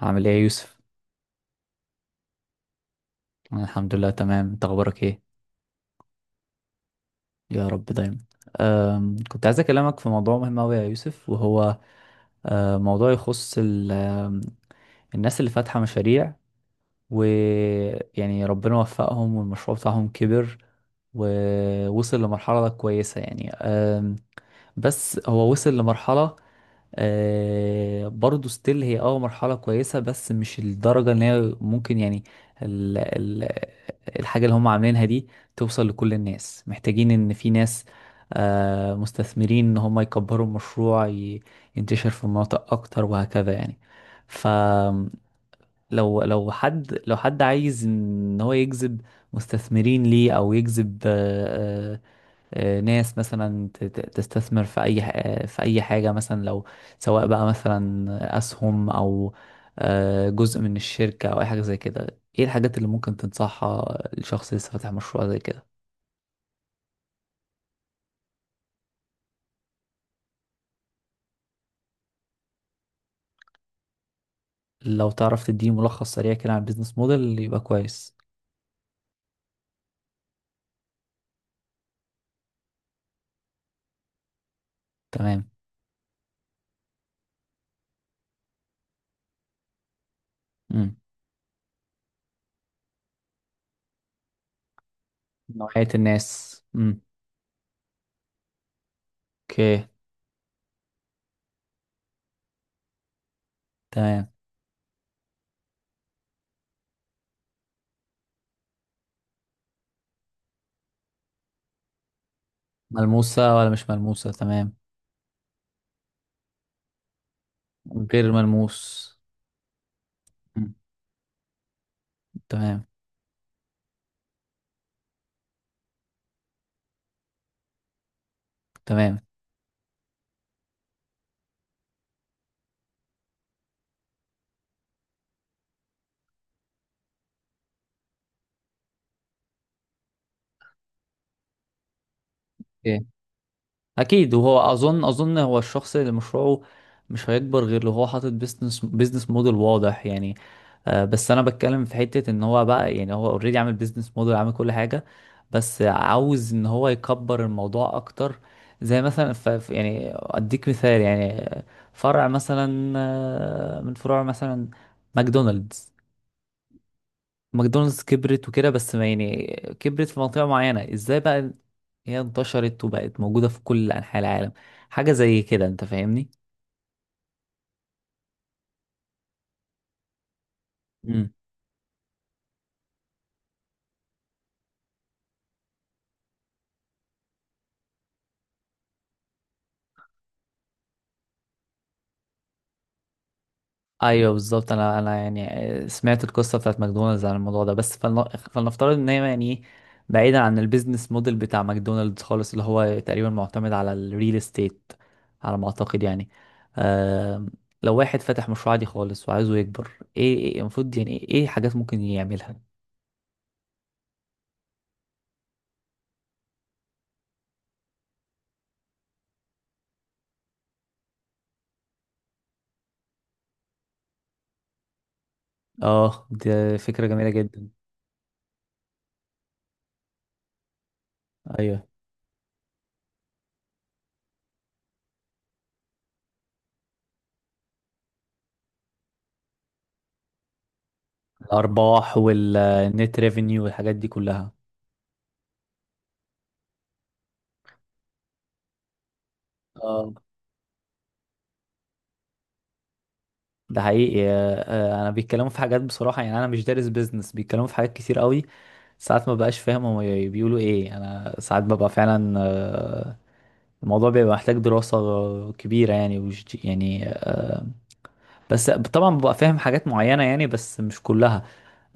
عامل ايه يا يوسف؟ أنا الحمد لله تمام، انت اخبارك ايه؟ يا رب دايما. كنت عايز اكلمك في موضوع مهم اوي يا يوسف، وهو موضوع يخص الناس اللي فاتحة مشاريع، ويعني ربنا وفقهم والمشروع بتاعهم كبر ووصل لمرحلة كويسة، يعني بس هو وصل لمرحلة برضو ستيل هي مرحلة كويسة، بس مش الدرجة اللي هي ممكن، يعني ال ال الحاجة اللي هم عاملينها دي توصل لكل الناس، محتاجين ان في ناس مستثمرين ان هم يكبروا المشروع، ينتشر في مناطق اكتر وهكذا يعني. فلو لو حد عايز ان هو يجذب مستثمرين ليه او يجذب ناس مثلا تستثمر في اي في اي حاجه، مثلا لو سواء بقى مثلا اسهم، او جزء من الشركه، او اي حاجه زي كده. ايه الحاجات اللي ممكن تنصحها لشخص لسه فاتح مشروع زي كده؟ لو تعرف تديه ملخص سريع كده عن البيزنس موديل يبقى كويس. تمام. امم. نوعيه الناس. امم. اوكي. تمام. ملموسه ولا مش ملموسه؟ تمام. غير ملموس. مم. تمام. تمام. اوكي. اكيد. وهو اظن هو الشخص اللي مشروعه مش هيكبر غير لو هو حاطط بيزنس موديل واضح، يعني بس انا بتكلم في حتة ان هو بقى، يعني هو اوريدي عامل بيزنس موديل، عامل كل حاجة، بس عاوز ان هو يكبر الموضوع اكتر. زي مثلا يعني اديك مثال، يعني فرع مثلا من فروع مثلا ماكدونالدز ماكدونالدز كبرت وكده، بس ما يعني كبرت في منطقة معينة. ازاي بقى هي انتشرت وبقت موجودة في كل أنحاء العالم؟ حاجة زي كده، انت فاهمني. مم. ايوه بالظبط، انا يعني سمعت القصة بتاعت ماكدونالدز عن الموضوع ده، بس فلنفترض ان هي، يعني بعيدا عن البيزنس موديل بتاع ماكدونالدز خالص، اللي هو تقريبا معتمد على الريل استيت على ما اعتقد يعني. آم، لو واحد فتح مشروع عادي خالص وعايزه يكبر، ايه المفروض، يعني ايه حاجات ممكن يعملها؟ اه، دي فكرة جميلة جدا. ايوه، الارباح والنت ريفينيو والحاجات دي كلها. اه، ده حقيقي. انا بيتكلموا في حاجات بصراحة، يعني انا مش دارس بيزنس، بيتكلموا في حاجات كتير قوي ساعات ما بقاش فاهم هم بيقولوا ايه، انا ساعات ببقى فعلا الموضوع بيبقى محتاج دراسة كبيرة، يعني وش يعني بس طبعا ببقى فاهم حاجات معينة، يعني بس مش كلها.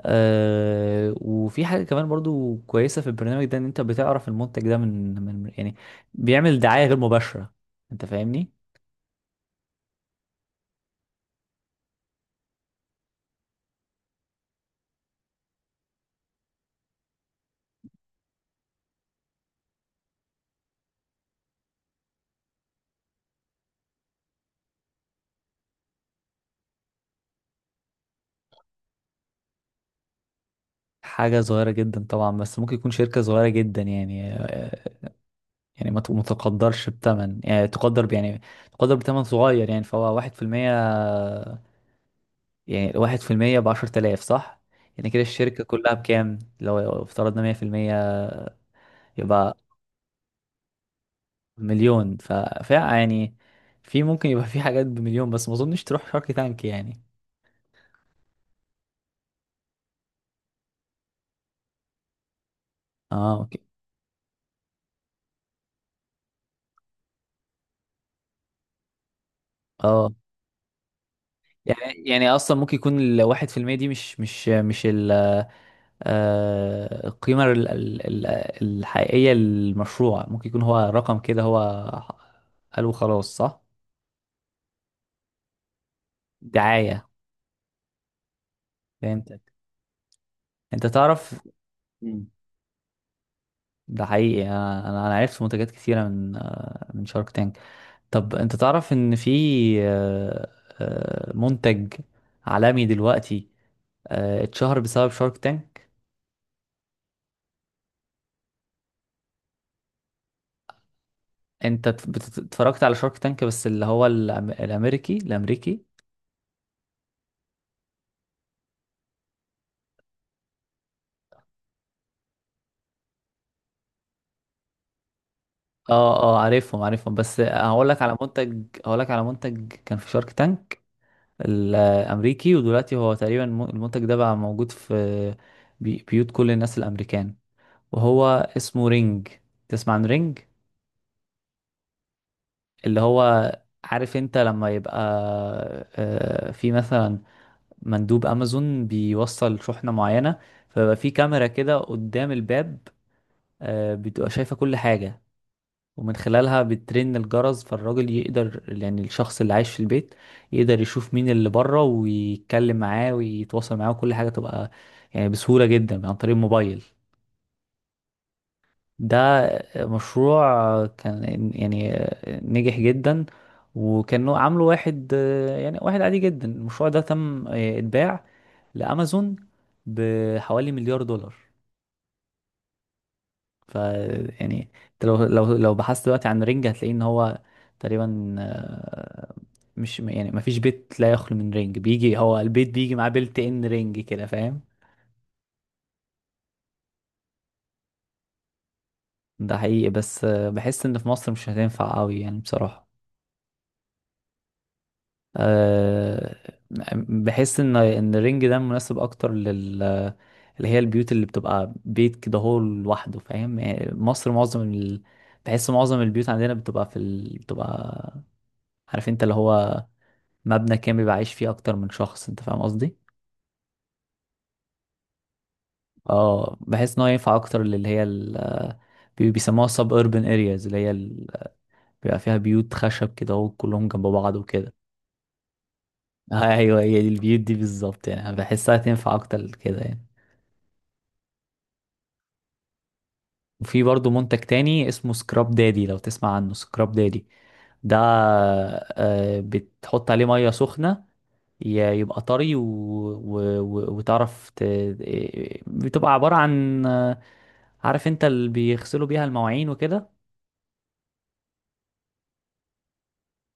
وفي حاجة كمان برضو كويسة في البرنامج ده، ان انت بتعرف المنتج ده من يعني بيعمل دعاية غير مباشرة، انت فاهمني. حاجة صغيرة جدا طبعا، بس ممكن يكون شركة صغيرة جدا يعني يعني ما ما تقدرش بتمن، يعني تقدر يعني تقدر بتمن صغير، يعني فهو واحد في المية. يعني واحد في المية بعشرة آلاف، صح؟ يعني كده الشركة كلها بكام؟ لو افترضنا مية في المية، يبقى مليون. فيعني في ممكن يبقى في حاجات بمليون، بس ما اظنش تروح شارك تانك يعني. اه، اوكي. اه، يعني اصلا ممكن يكون الواحد في المية دي مش ال القيمة الحقيقية للمشروع، ممكن يكون هو رقم كده هو قالوا خلاص، صح. دعاية. فهمتك. انت تعرف. مم. ده حقيقي، انا عرفت منتجات كتيرة من من شارك تانك. طب انت تعرف ان في آه، منتج عالمي دلوقتي اتشهر بسبب شارك تانك. انت اتفرجت على شارك تانك، بس اللي هو الامريكي الامريكي؟ اه اه، عارفهم عارفهم، بس هقول لك على منتج كان في شارك تانك الامريكي، ودلوقتي هو تقريبا المنتج ده بقى موجود في بيوت كل الناس الامريكان. وهو اسمه رينج. تسمع عن رينج؟ اللي هو، عارف انت لما يبقى في مثلا مندوب امازون بيوصل شحنة معينة، فبقى في كاميرا كده قدام الباب، بتبقى شايفة كل حاجة. ومن خلالها بترن الجرس فالراجل يقدر، يعني الشخص اللي عايش في البيت يقدر يشوف مين اللي بره ويتكلم معاه ويتواصل معاه، وكل حاجة تبقى يعني بسهولة جدا عن طريق الموبايل. ده مشروع كان يعني نجح جدا. وكانوا عامله واحد يعني واحد عادي جدا. المشروع ده تم اتباع لأمازون بحوالي مليار دولار. ف يعني انت لو بحثت دلوقتي عن رينج هتلاقي ان هو تقريبا مش يعني ما فيش بيت لا يخلو من رينج. بيجي هو البيت بيجي معاه بيلت ان رينج كده، فاهم. ده حقيقي، بس بحس ان في مصر مش هتنفع قوي يعني بصراحة. آه، بحس ان الرينج ده مناسب اكتر لل اللي هي البيوت اللي بتبقى بيت كده هو لوحده، فاهم يعني. مصر معظم بحس معظم البيوت عندنا بتبقى في بتبقى، عارف انت اللي هو مبنى كامل بيبقى عايش فيه اكتر من شخص، انت فاهم قصدي. اه، بحس ان هو ينفع اكتر للي هي بيسموها سب اربن ارياز، اللي هي بيبقى فيها بيوت خشب كده وكلهم جنب بعض وكده. ايوه هي دي البيوت دي بالظبط، يعني أنا بحسها تنفع اكتر كده يعني. وفي برضو منتج تاني اسمه سكراب دادي، لو تسمع عنه. سكراب دادي ده بتحط عليه مية سخنة، يبقى طري وتعرف بتبقى عبارة عن عارف انت اللي بيغسلوا بيها المواعين وكده،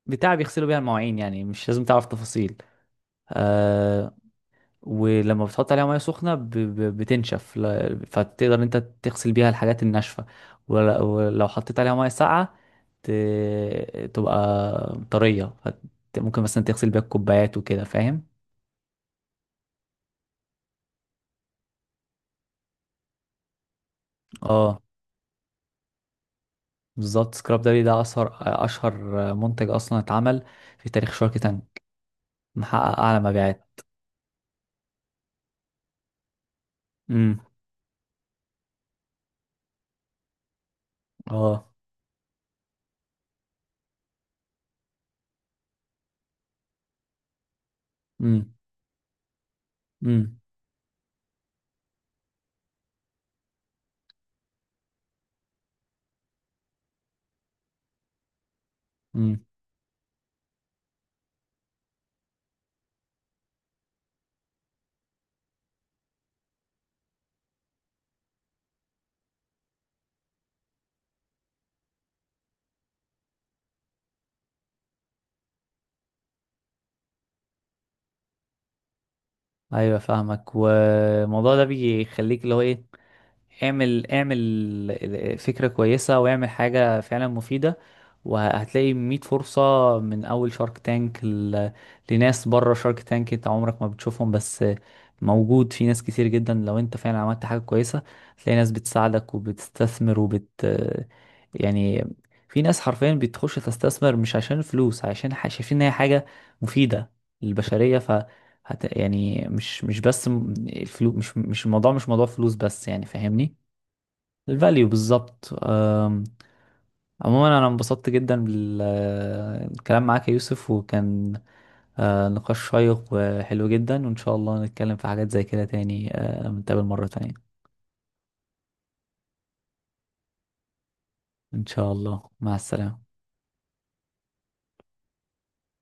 بتاع بيغسلوا بيها المواعين، يعني مش لازم تعرف تفاصيل. آه، ولما بتحط عليها ميه سخنه بتنشف فتقدر انت تغسل بيها الحاجات الناشفه. ولو حطيت عليها ميه ساقعه تبقى طريه ممكن مثلا تغسل بيها الكوبايات وكده، فاهم. اه بالظبط، سكراب داري ده اشهر منتج اصلا اتعمل في تاريخ شارك تانك، محقق اعلى مبيعات. امم. اه. امم. امم. امم. ايوه فاهمك. والموضوع ده بيخليك اللي هو ايه، اعمل فكرة كويسة، واعمل حاجة فعلا مفيدة، وهتلاقي 100 فرصة. من أول شارك تانك لناس بره شارك تانك انت عمرك ما بتشوفهم، بس موجود في ناس كتير جدا. لو انت فعلا عملت حاجة كويسة هتلاقي ناس بتساعدك وبتستثمر وبت يعني، في ناس حرفيا بتخش تستثمر مش عشان الفلوس، عشان شايفين ان هي حاجة مفيدة للبشرية. ف يعني مش مش بس الفلوس مش مش الموضوع، مش موضوع فلوس بس، يعني فاهمني. الفاليو بالظبط. عموما انا انبسطت جدا بالكلام معاك يا يوسف، وكان نقاش شيق وحلو جدا، وان شاء الله نتكلم في حاجات زي كده تاني، نتقابل مرة تانية. ان شاء الله، مع السلامة.